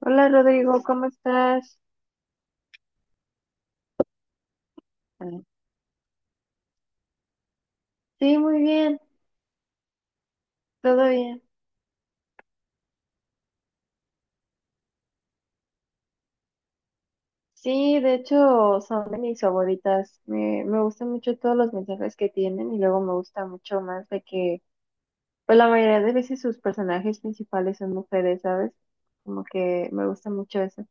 Hola Rodrigo, ¿cómo estás? Mm. Sí, muy bien, todo bien. Sí, de hecho son de mis favoritas. Me gustan mucho todos los mensajes que tienen y luego me gusta mucho más de que, pues la mayoría de veces sus personajes principales son mujeres, ¿sabes? Como que me gusta mucho eso.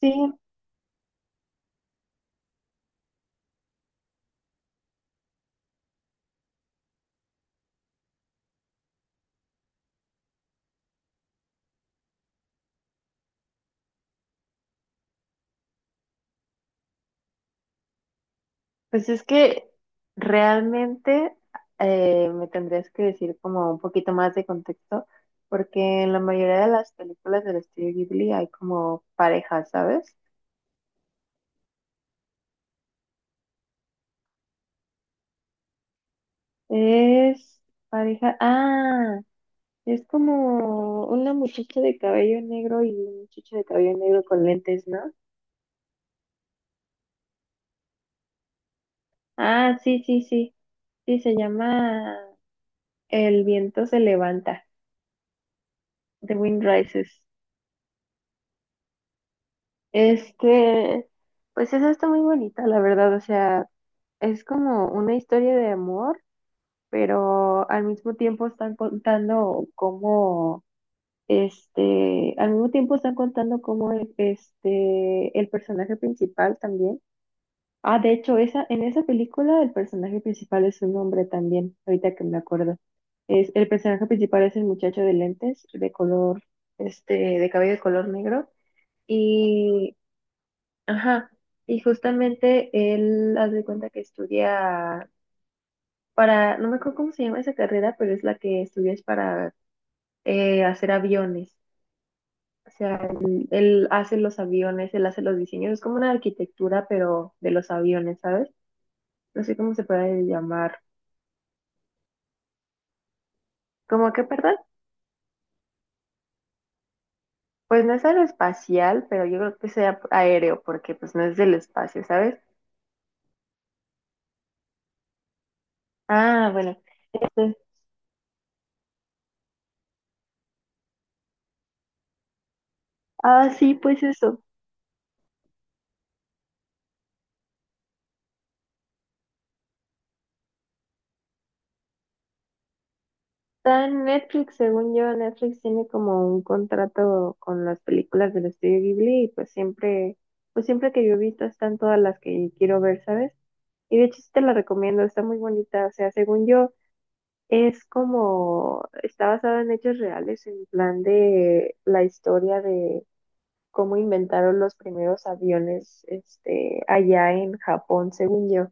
Sí, pues es que realmente me tendrías que decir como un poquito más de contexto, porque en la mayoría de las películas del estudio Ghibli hay como parejas, ¿sabes? Es pareja. Ah, es como una muchacha de cabello negro y un muchacho de cabello negro con lentes, ¿no? Ah, sí, sí, sí. Sí, se llama El viento se levanta, The Wind Rises. Este, pues esa está muy bonita, la verdad. O sea, es como una historia de amor, pero al mismo tiempo están contando cómo el personaje principal también. Ah, de hecho, en esa película el personaje principal es un hombre también, ahorita que me acuerdo. El personaje principal es el muchacho de lentes, de color, de cabello de color negro. Y, ajá, y justamente él haz de cuenta que estudia para, no me acuerdo cómo se llama esa carrera, pero es la que estudias para hacer aviones. O sea, él hace los aviones, él hace los diseños, es como una arquitectura, pero de los aviones, ¿sabes? No sé cómo se puede llamar. ¿Cómo que, perdón? Pues no es aeroespacial, pero yo creo que sea aéreo, porque pues no es del espacio, ¿sabes? Ah, bueno. entonces- ah, sí, pues eso. Está en Netflix, según yo, Netflix tiene como un contrato con las películas del estudio Ghibli y pues siempre que yo he visto están todas las que quiero ver, ¿sabes? Y de hecho sí te la recomiendo, está muy bonita. O sea, según yo, es como, está basado en hechos reales, en plan de la historia de cómo inventaron los primeros aviones, allá en Japón, según yo.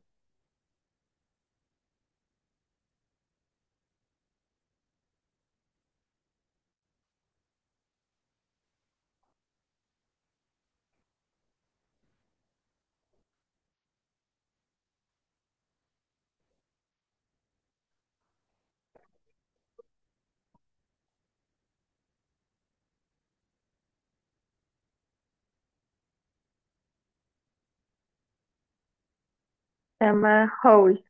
Se llama Howl.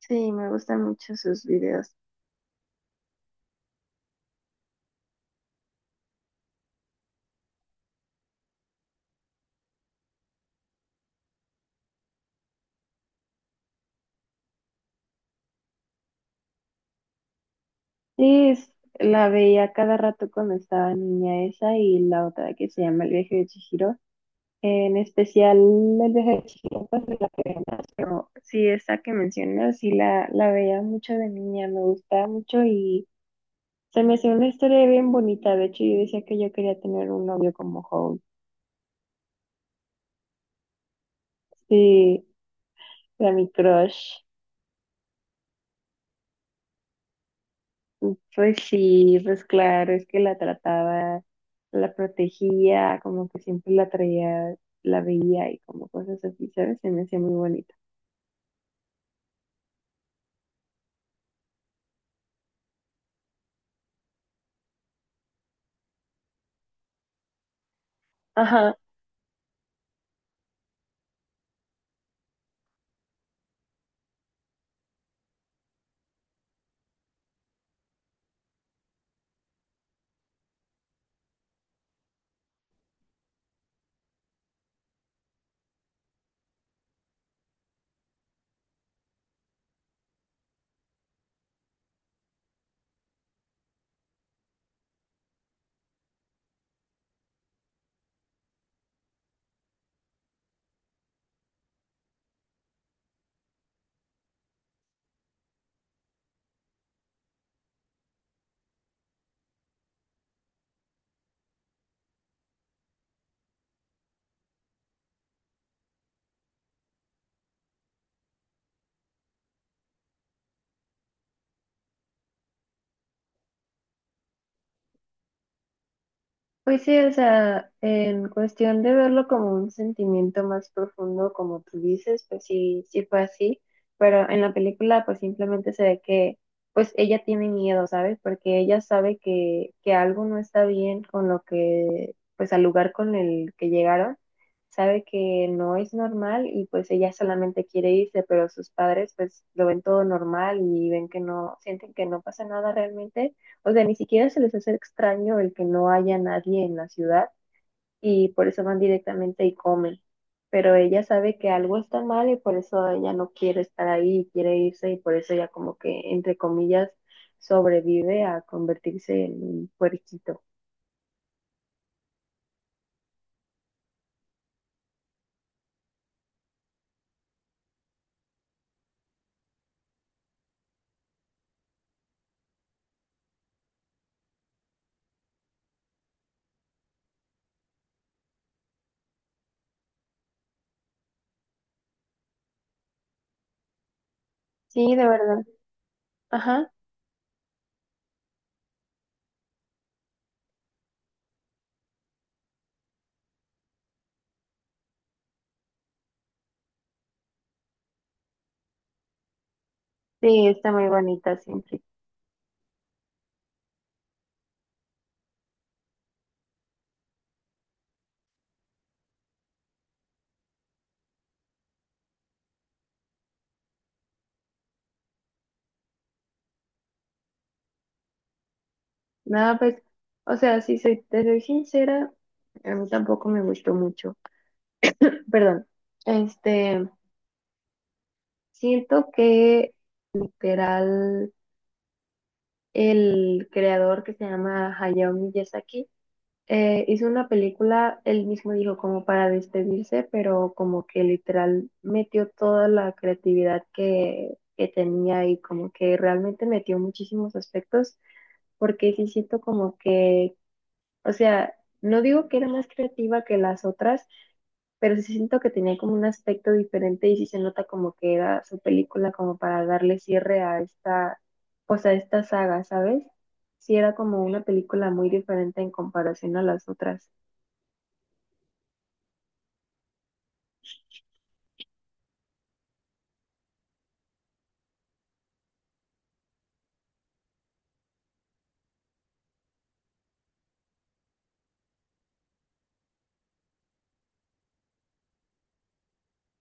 Sí, me gustan mucho sus videos. Sí, la veía cada rato cuando estaba niña esa y la otra que se llama El viaje de Chihiro. En especial El viaje de Chihiro, pues me la veía más, pero sí, esa que mencionas, sí la veía mucho de niña, me gustaba mucho. Se me hacía una historia bien bonita. De hecho, yo decía que yo quería tener un novio como Holt. Sí, era mi crush. Pues sí, pues claro, es que la trataba, la protegía, como que siempre la traía, la veía y como cosas así, ¿sabes? Se me hacía muy bonita. Ajá. Pues sí, o sea, en cuestión de verlo como un sentimiento más profundo, como tú dices, pues sí, sí fue así, pero en la película pues simplemente se ve que pues ella tiene miedo, ¿sabes? Porque ella sabe que algo no está bien con lo que, pues al lugar con el que llegaron, sabe que no es normal y pues ella solamente quiere irse, pero sus padres pues lo ven todo normal y ven que no, sienten que no pasa nada realmente. O sea, ni siquiera se les hace extraño el que no haya nadie en la ciudad y por eso van directamente y comen. Pero ella sabe que algo está mal y por eso ella no quiere estar ahí, quiere irse y por eso ella como que, entre comillas, sobrevive a convertirse en un puerquito. Sí, de verdad. Ajá. Sí, está muy bonita siempre. Nada, pues, o sea, si soy, te soy sincera, a mí tampoco me gustó mucho. Perdón. Este, Siento que, literal, el creador que se llama Hayao Miyazaki hizo una película, él mismo dijo como para despedirse, pero como que literal metió toda la creatividad que tenía y como que realmente metió muchísimos aspectos, porque sí siento como que, o sea, no digo que era más creativa que las otras, pero sí siento que tenía como un aspecto diferente y sí se nota como que era su película como para darle cierre a esta, pues a esta saga, ¿sabes? Sí era como una película muy diferente en comparación a las otras.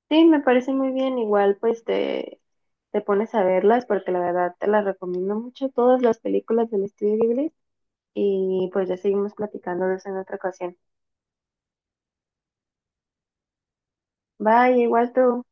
Sí, me parece muy bien, igual pues te pones a verlas porque la verdad te las recomiendo mucho, todas las películas del estudio Ghibli y pues ya seguimos platicando de eso en otra ocasión. Bye, igual tú.